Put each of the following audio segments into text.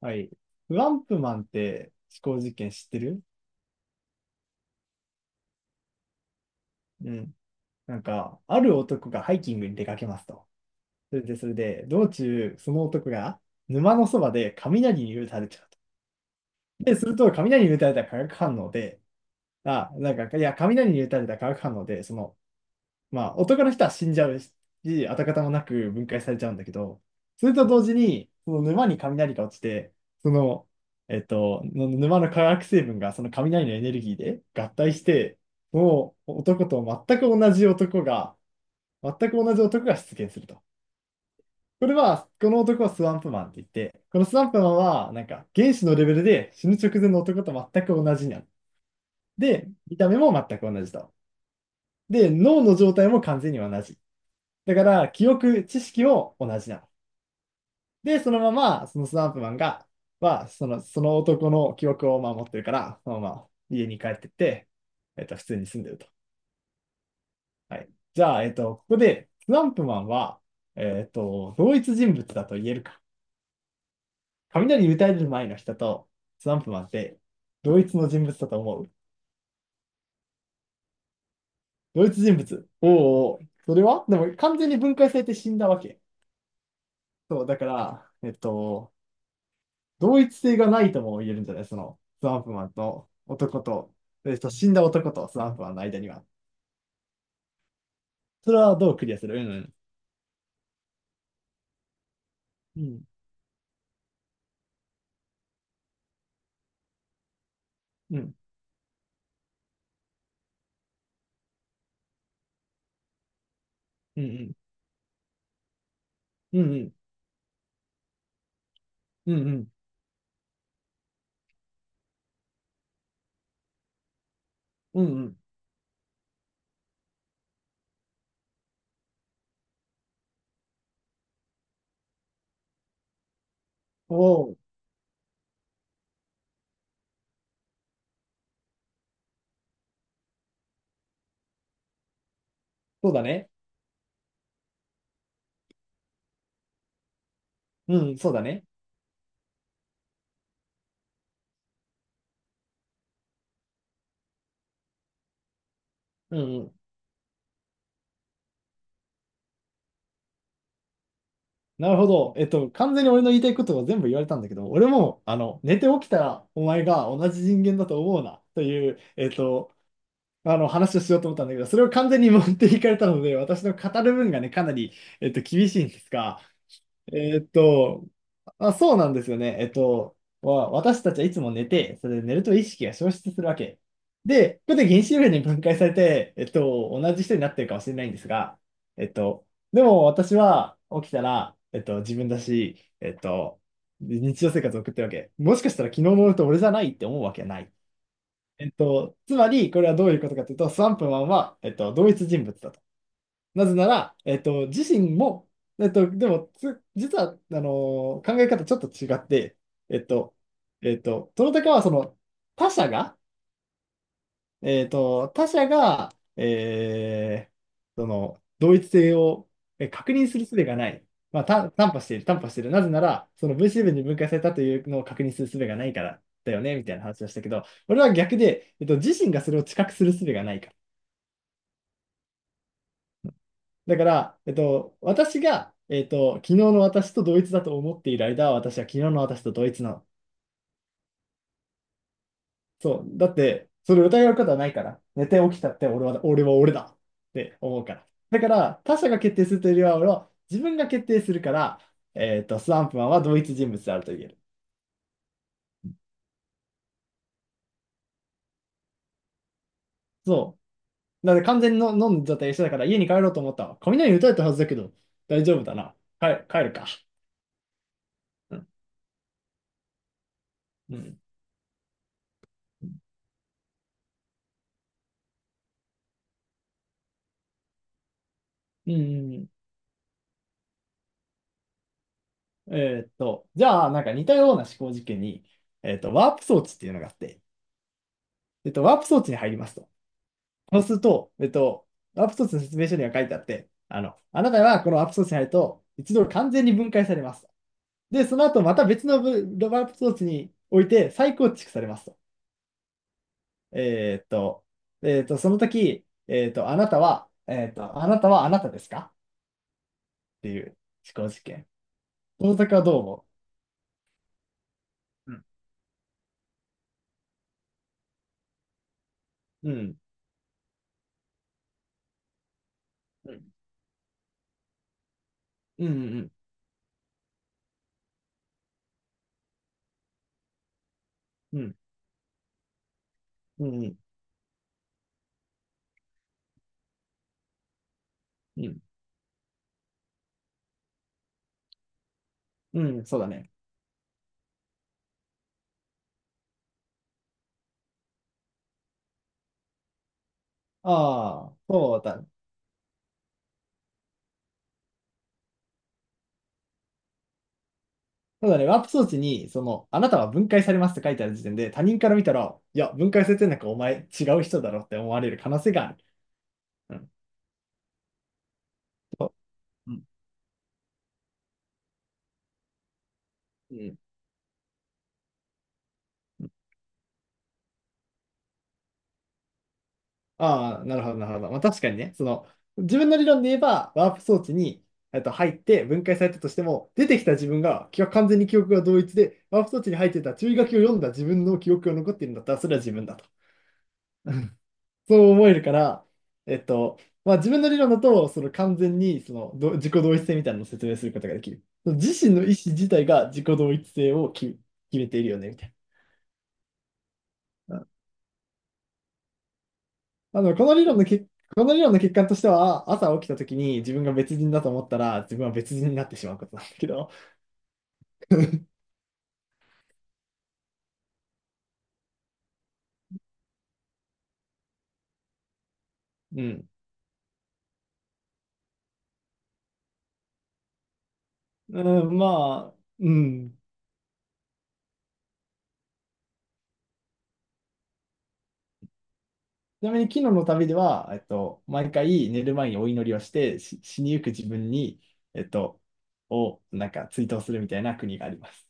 はい。フアンプマンって思考実験知ってる？うん。ある男がハイキングに出かけますと。それで、道中、その男が沼のそばで雷に打たれちゃうと。で、すると、雷に打たれた化学反応で、雷に打たれた化学反応で、まあ、男の人は死んじゃうし、跡形もなく分解されちゃうんだけど、それと同時に、その沼に雷が落ちて、その、の沼の化学成分がその雷のエネルギーで合体して、もう男と全く同じ男が、全く同じ男が出現すると。これは、この男はスワンプマンって言って、このスワンプマンは、なんか、原子のレベルで死ぬ直前の男と全く同じになる。で、見た目も全く同じと。で、脳の状態も完全に同じ。だから、記憶、知識も同じなの。で、そのまま、そのスナンプマンが、は、その男の記憶をまあ持ってるから、そのまま家に帰ってって、普通に住んでると。はい。じゃあ、ここで、スナンプマンは、同一人物だと言えるか。雷打たれる前の人と、スナンプマンって、同一の人物だと思う？同一人物。おー。おー、それはでも、完全に分解されて死んだわけ。そう、だから、同一性がないとも言えるんじゃない？その、スワンプマンと男と、死んだ男とスワンプマンの間には。それはどうクリアする？うん。うん。うん。うん。うん。うん。うんうん。うんうん。おお、そうだね。うん、うん、そうだね。うんうん。なるほど。えっと、完全に俺の言いたいことを全部言われたんだけど、俺も、あの、寝て起きたらお前が同じ人間だと思うな、という、あの、話をしようと思ったんだけど、それを完全に持っていかれたので、私の語る分がね、かなり、厳しいんですが、えーっと、あ、そうなんですよね。えっと、私たちはいつも寝て、それで寝ると意識が消失するわけ。で、ここで原子力に分解されて、えっと、同じ人になってるかもしれないんですが、えっと、でも私は起きたら、自分だし、日常生活を送ってるわけ。もしかしたら昨日の俺と俺じゃないって思うわけはない。えっと、つまり、これはどういうことかというと、スワンプマンは、同一人物だと。なぜなら、自身も、えっと、でも、つ、実は、あのー考え方ちょっと違って、えっと、トロタカはその、他者が、他者が、えーその、同一性を確認する術がない。まあ、担保している。なぜなら、その分子部に分解されたというのを確認する術がないからだよね、みたいな話をしたけど、俺は逆で、えっと、自身がそれを知覚する術がないから、だから、えっと、私が、昨日の私と同一だと思っている間は、私は昨日の私と同一なの。そう。だって、それを疑うことはないから。寝て起きたって俺は、俺は俺だって思うから。だから、他者が決定するというよりは、俺は自分が決定するから、スワンプマンは同一人物であると言える。そう。だって完全にの飲んじゃった一緒だから、家に帰ろうと思ったわ。雷打たれたはずだけど、大丈夫だな。帰るか。うん。うん。うん。うん。じゃあ、なんか似たような思考実験に、ワープ装置っていうのがあって、ワープ装置に入りますと。そうすると、ワープ装置の説明書には書いてあって、あの、あなたはこのワープ装置に入ると、一度完全に分解されます。で、その後また別のワープ装置において再構築されますと。えーっと、その時、あなたは、あなたはあなたですか、っていう思考実験。この時はどう思う？うん。うん。うん。うん。うん。うん。うん。うん。うん。うん、そうだね。ああ、そうだ。そうだね。ワープ装置に、その、あなたは分解されますって書いてある時点で、他人から見たら、いや、分解されてんなんかお前違う人だろって思われる可能性がある。うん。そう、うん。うん、ああ、なるほど、なるほど。まあ確かにね、その、自分の理論で言えば、ワープ装置に、入って分解されたとしても、出てきた自分が、完全に記憶が同一で、ワープ装置に入ってた注意書きを読んだ自分の記憶が残っているんだったら、それは自分だと。そう思えるから、えっと、まあ自分の理論だと、その完全にそのど自己同一性みたいなのを説明することができる。その自身の意思自体が自己同一性を決めているよね、みたいな。うん。あの、この理論の欠陥としては、朝起きた時に自分が別人だと思ったら、自分は別人になってしまうことなんだけど、うん。うん、まあ、うん。ちなみに昨日の旅では、毎回寝る前にお祈りをして、死にゆく自分に、えっと、をなんか追悼するみたいな国があります。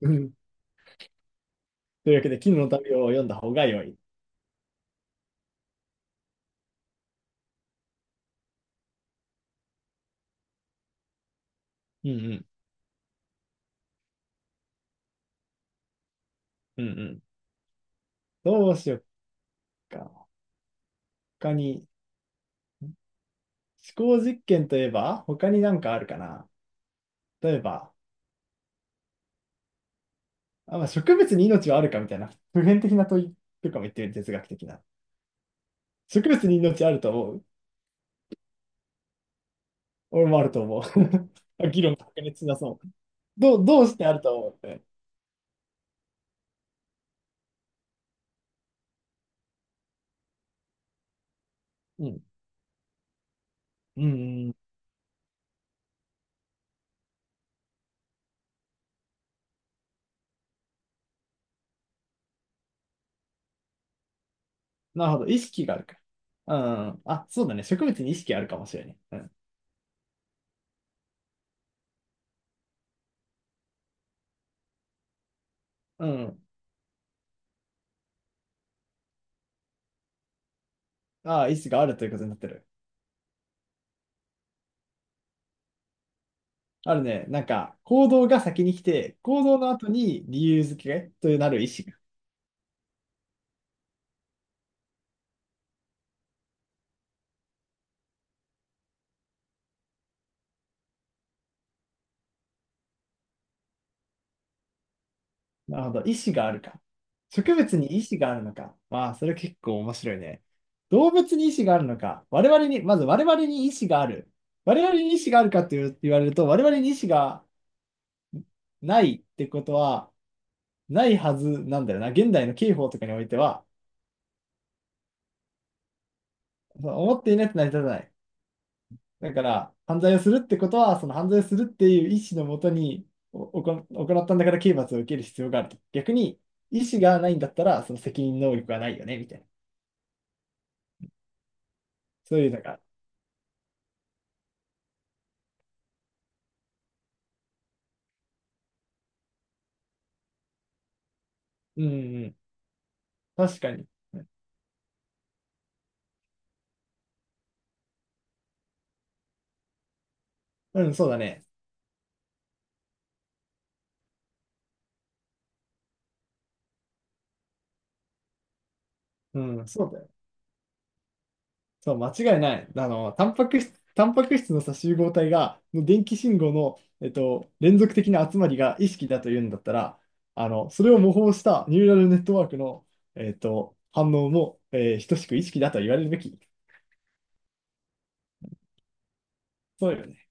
うん。というわけで、絹の旅を読んだ方が良い。うん。うん。うん。うん。どうしよっか。他に、思考実験といえば、他になんかあるかな。例えば、あ、まあ、植物に命はあるかみたいな、普遍的な問いとかも言ってる哲学的な。植物に命あると思う？俺もあると思う。議論白熱しなそう。どうしてあると思うって？うん。うん、うん、なるほど。意識があるか。うん。あ、そうだね。植物に意識あるかもしれない。うん。うん。ああ、意識があるということになってる。あるね。なんか、行動が先に来て、行動の後に理由付けとなる意思が。なるほど。意思があるか。植物に意思があるのか。まあ、それ結構面白いね。動物に意思があるのか。我々に、まず我々に意思がある。我々に意思があるかって言う言われると、我々に意思がないってことは、ないはずなんだよな。現代の刑法とかにおいては、思っていないと成り立たない。だから、犯罪をするってことは、その犯罪をするっていう意思のもとにおおこ行ったんだから刑罰を受ける必要があると。逆に、意思がないんだったら、その責任能力はないよね、みたいな。そういうのが。うん。うん。確かに。うん、そうだね。うん、そうだよ。そう、間違いない。あの、タンパク質のさ、集合体が、の電気信号の、連続的な集まりが意識だというんだったら、あの、それを模倣したニューラルネットワークの、反応も、えー等しく意識だと言われるべき。そうよね